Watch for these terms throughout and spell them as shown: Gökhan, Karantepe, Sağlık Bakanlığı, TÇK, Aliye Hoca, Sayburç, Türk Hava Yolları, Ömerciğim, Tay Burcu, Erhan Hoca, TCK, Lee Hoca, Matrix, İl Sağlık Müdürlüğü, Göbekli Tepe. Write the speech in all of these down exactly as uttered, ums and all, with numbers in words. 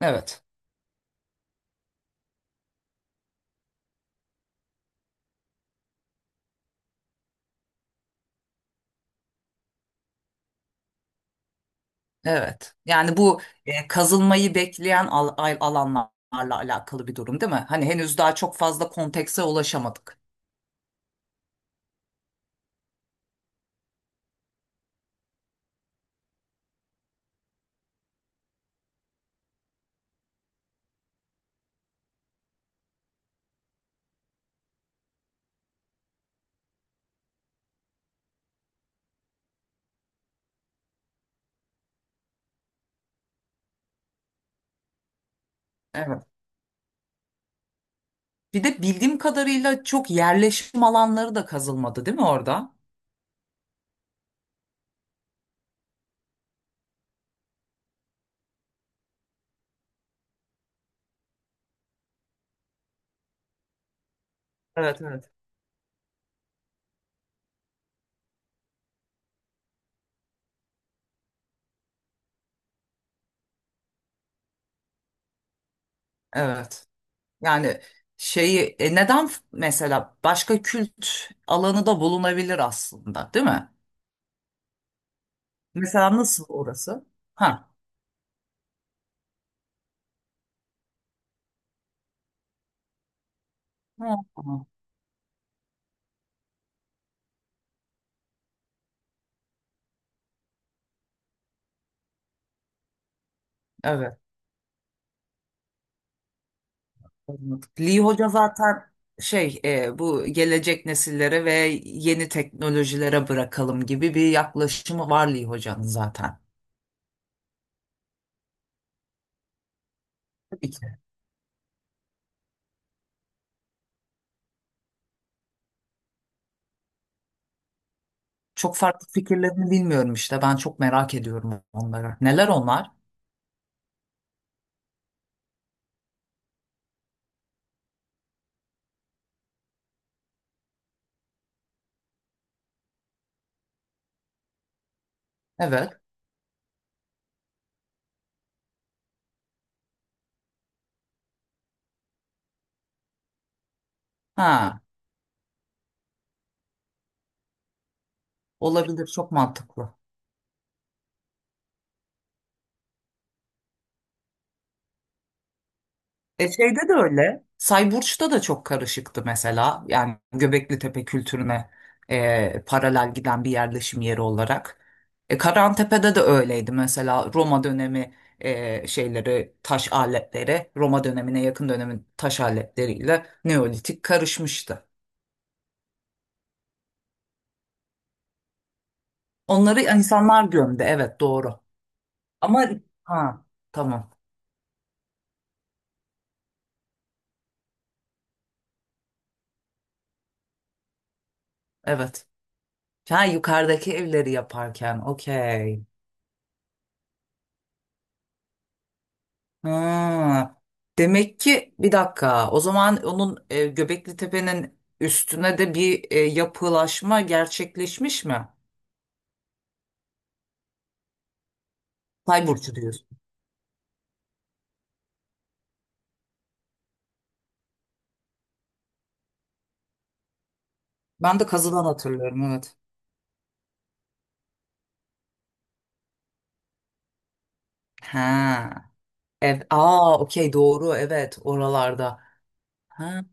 Evet, evet. Yani bu e, kazılmayı bekleyen al- al- alanlarla alakalı bir durum değil mi? Hani henüz daha çok fazla kontekse ulaşamadık. Evet. Bir de bildiğim kadarıyla çok yerleşim alanları da kazılmadı değil mi orada? Evet, evet. Evet. Yani şeyi e, neden f- mesela başka kült alanı da bulunabilir aslında değil mi? Mesela nasıl orası? Ha. Ha, ha. Anladık. Lee Hoca zaten şey e, bu gelecek nesillere ve yeni teknolojilere bırakalım gibi bir yaklaşımı var Lee Hoca'nın zaten. Tabii ki. Çok farklı fikirlerini bilmiyorum işte. Ben çok merak ediyorum onları. Neler onlar? Evet. Ha, olabilir. Çok mantıklı. E şeyde de öyle. Sayburç'ta da çok karışıktı mesela. Yani Göbekli Tepe kültürüne e, paralel giden bir yerleşim yeri olarak. E, Karantepe'de de öyleydi mesela. Roma dönemi e, şeyleri, taş aletleri, Roma dönemine yakın dönemin taş aletleriyle Neolitik karışmıştı. Onları insanlar gömdü. Evet, doğru. Ama ha, tamam. Evet. Ha, yukarıdaki evleri yaparken, okey. Ha, demek ki bir dakika. O zaman onun e, Göbekli Tepe'nin üstüne de bir e, yapılaşma gerçekleşmiş mi? Tay Burcu diyorsun. Ben de kazıdan hatırlıyorum, evet. Ha. Ev. Aa, okey, doğru, evet, oralarda. Ha.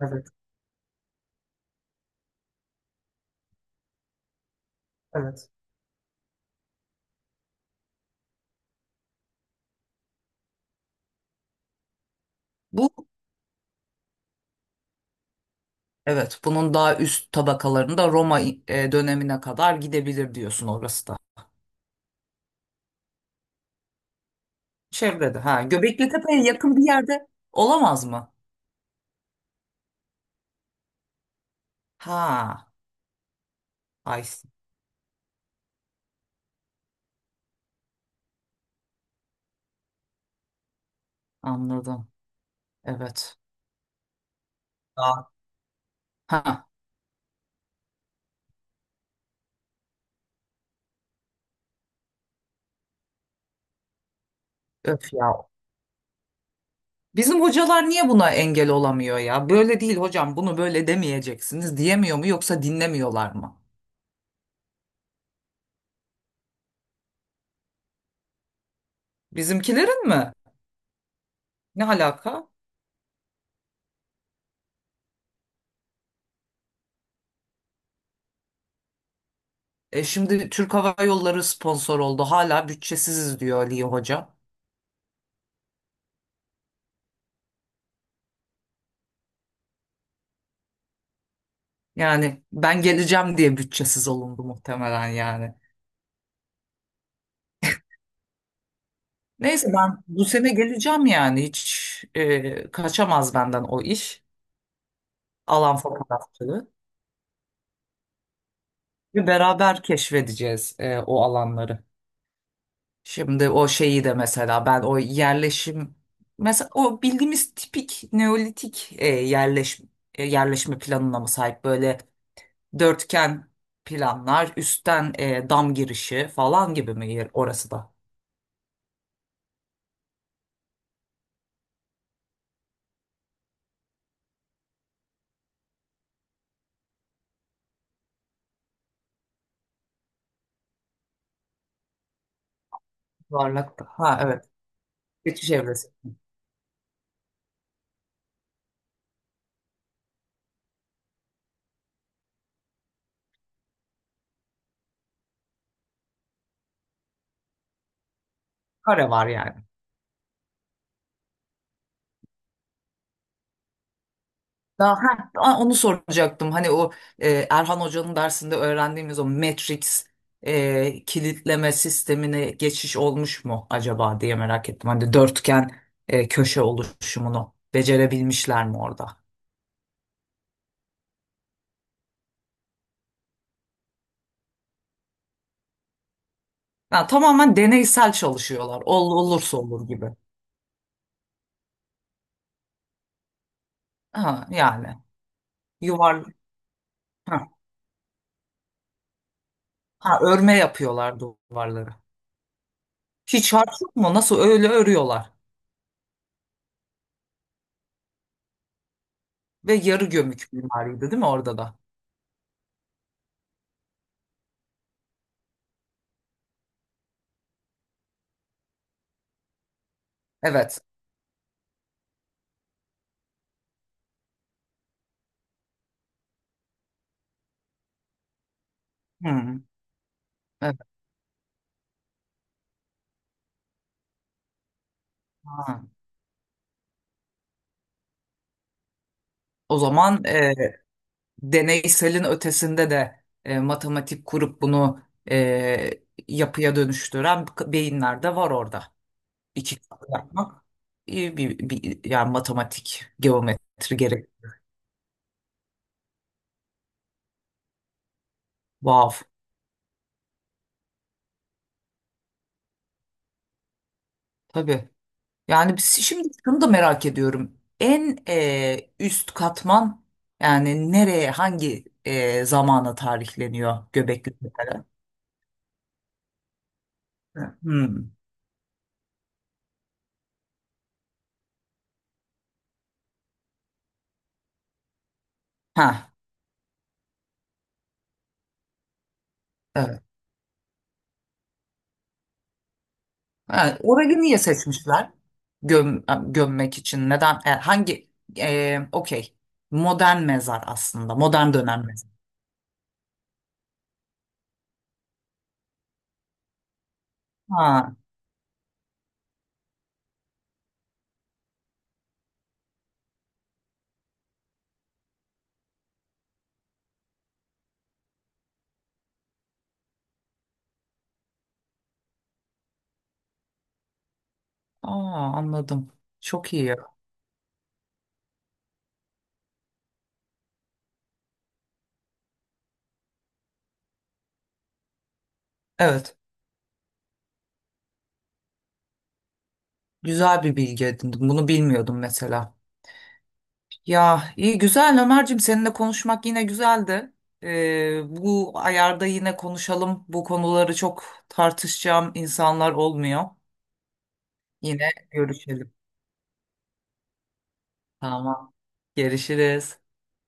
Evet, evet. Bu evet bunun daha üst tabakalarında Roma e, dönemine kadar gidebilir diyorsun orası da. Çevrede, ha, Göbekli Tepe'ye yakın bir yerde olamaz mı? Ha. Ay, anladım. Evet. Daha Ha, öf ya. Bizim hocalar niye buna engel olamıyor ya? Böyle değil hocam, bunu böyle demeyeceksiniz diyemiyor mu yoksa dinlemiyorlar mı? Bizimkilerin mi? Ne alaka? E şimdi Türk Hava Yolları sponsor oldu. Hala bütçesiziz diyor Aliye Hoca. Yani ben geleceğim diye bütçesiz olundu muhtemelen yani. Neyse, ben bu sene geleceğim yani. Hiç e, kaçamaz benden o iş. Alan fotoğrafçılığı. Ve beraber keşfedeceğiz e, o alanları. Şimdi o şeyi de mesela ben o yerleşim mesela o bildiğimiz tipik neolitik e, yerleş, e, yerleşme planına mı sahip, böyle dörtgen planlar, üstten e, dam girişi falan gibi mi yer orası da? Varlık da. Ha, evet. Geçiş evresi. Kare var yani. Daha, ha, a- onu soracaktım. Hani o e, Erhan Hoca'nın dersinde öğrendiğimiz o Matrix e, kilitleme sistemine geçiş olmuş mu acaba diye merak ettim. Hani dörtgen e, köşe oluşumunu becerebilmişler mi orada? Ha, tamamen deneysel çalışıyorlar. Ol, olursa olur gibi. Ha, yani yuvarlak. Ha, ha, örme yapıyorlar duvarları. Hiç harç yok mu? Nasıl öyle örüyorlar? Ve yarı gömük mimariydi değil mi orada da? Evet. Hmm, evet, ha. O zaman e, deneyselin ötesinde de e, matematik kurup bunu e, yapıya dönüştüren beyinler de var orada. İki katlı yapmak iyi bir, bir yani matematik, geometri gerek. Vav. Tabii. Yani biz si, şimdi şunu da merak ediyorum. En e, üst katman yani nereye, hangi e, zamana tarihleniyor Göbekli Tepe'de? Hmm. Ha. Ha, orayı niye seçmişler? Göm, gömmek için. Neden? e, hangi? E, okey. Modern mezar aslında. Modern dönem mezar. Ha. Aa, anladım. Çok iyi. Evet. Güzel bir bilgi edindim. Bunu bilmiyordum mesela. Ya iyi güzel Ömerciğim, seninle konuşmak yine güzeldi. E, bu ayarda yine konuşalım. Bu konuları çok tartışacağım insanlar olmuyor. Yine görüşelim. Tamam. Görüşürüz.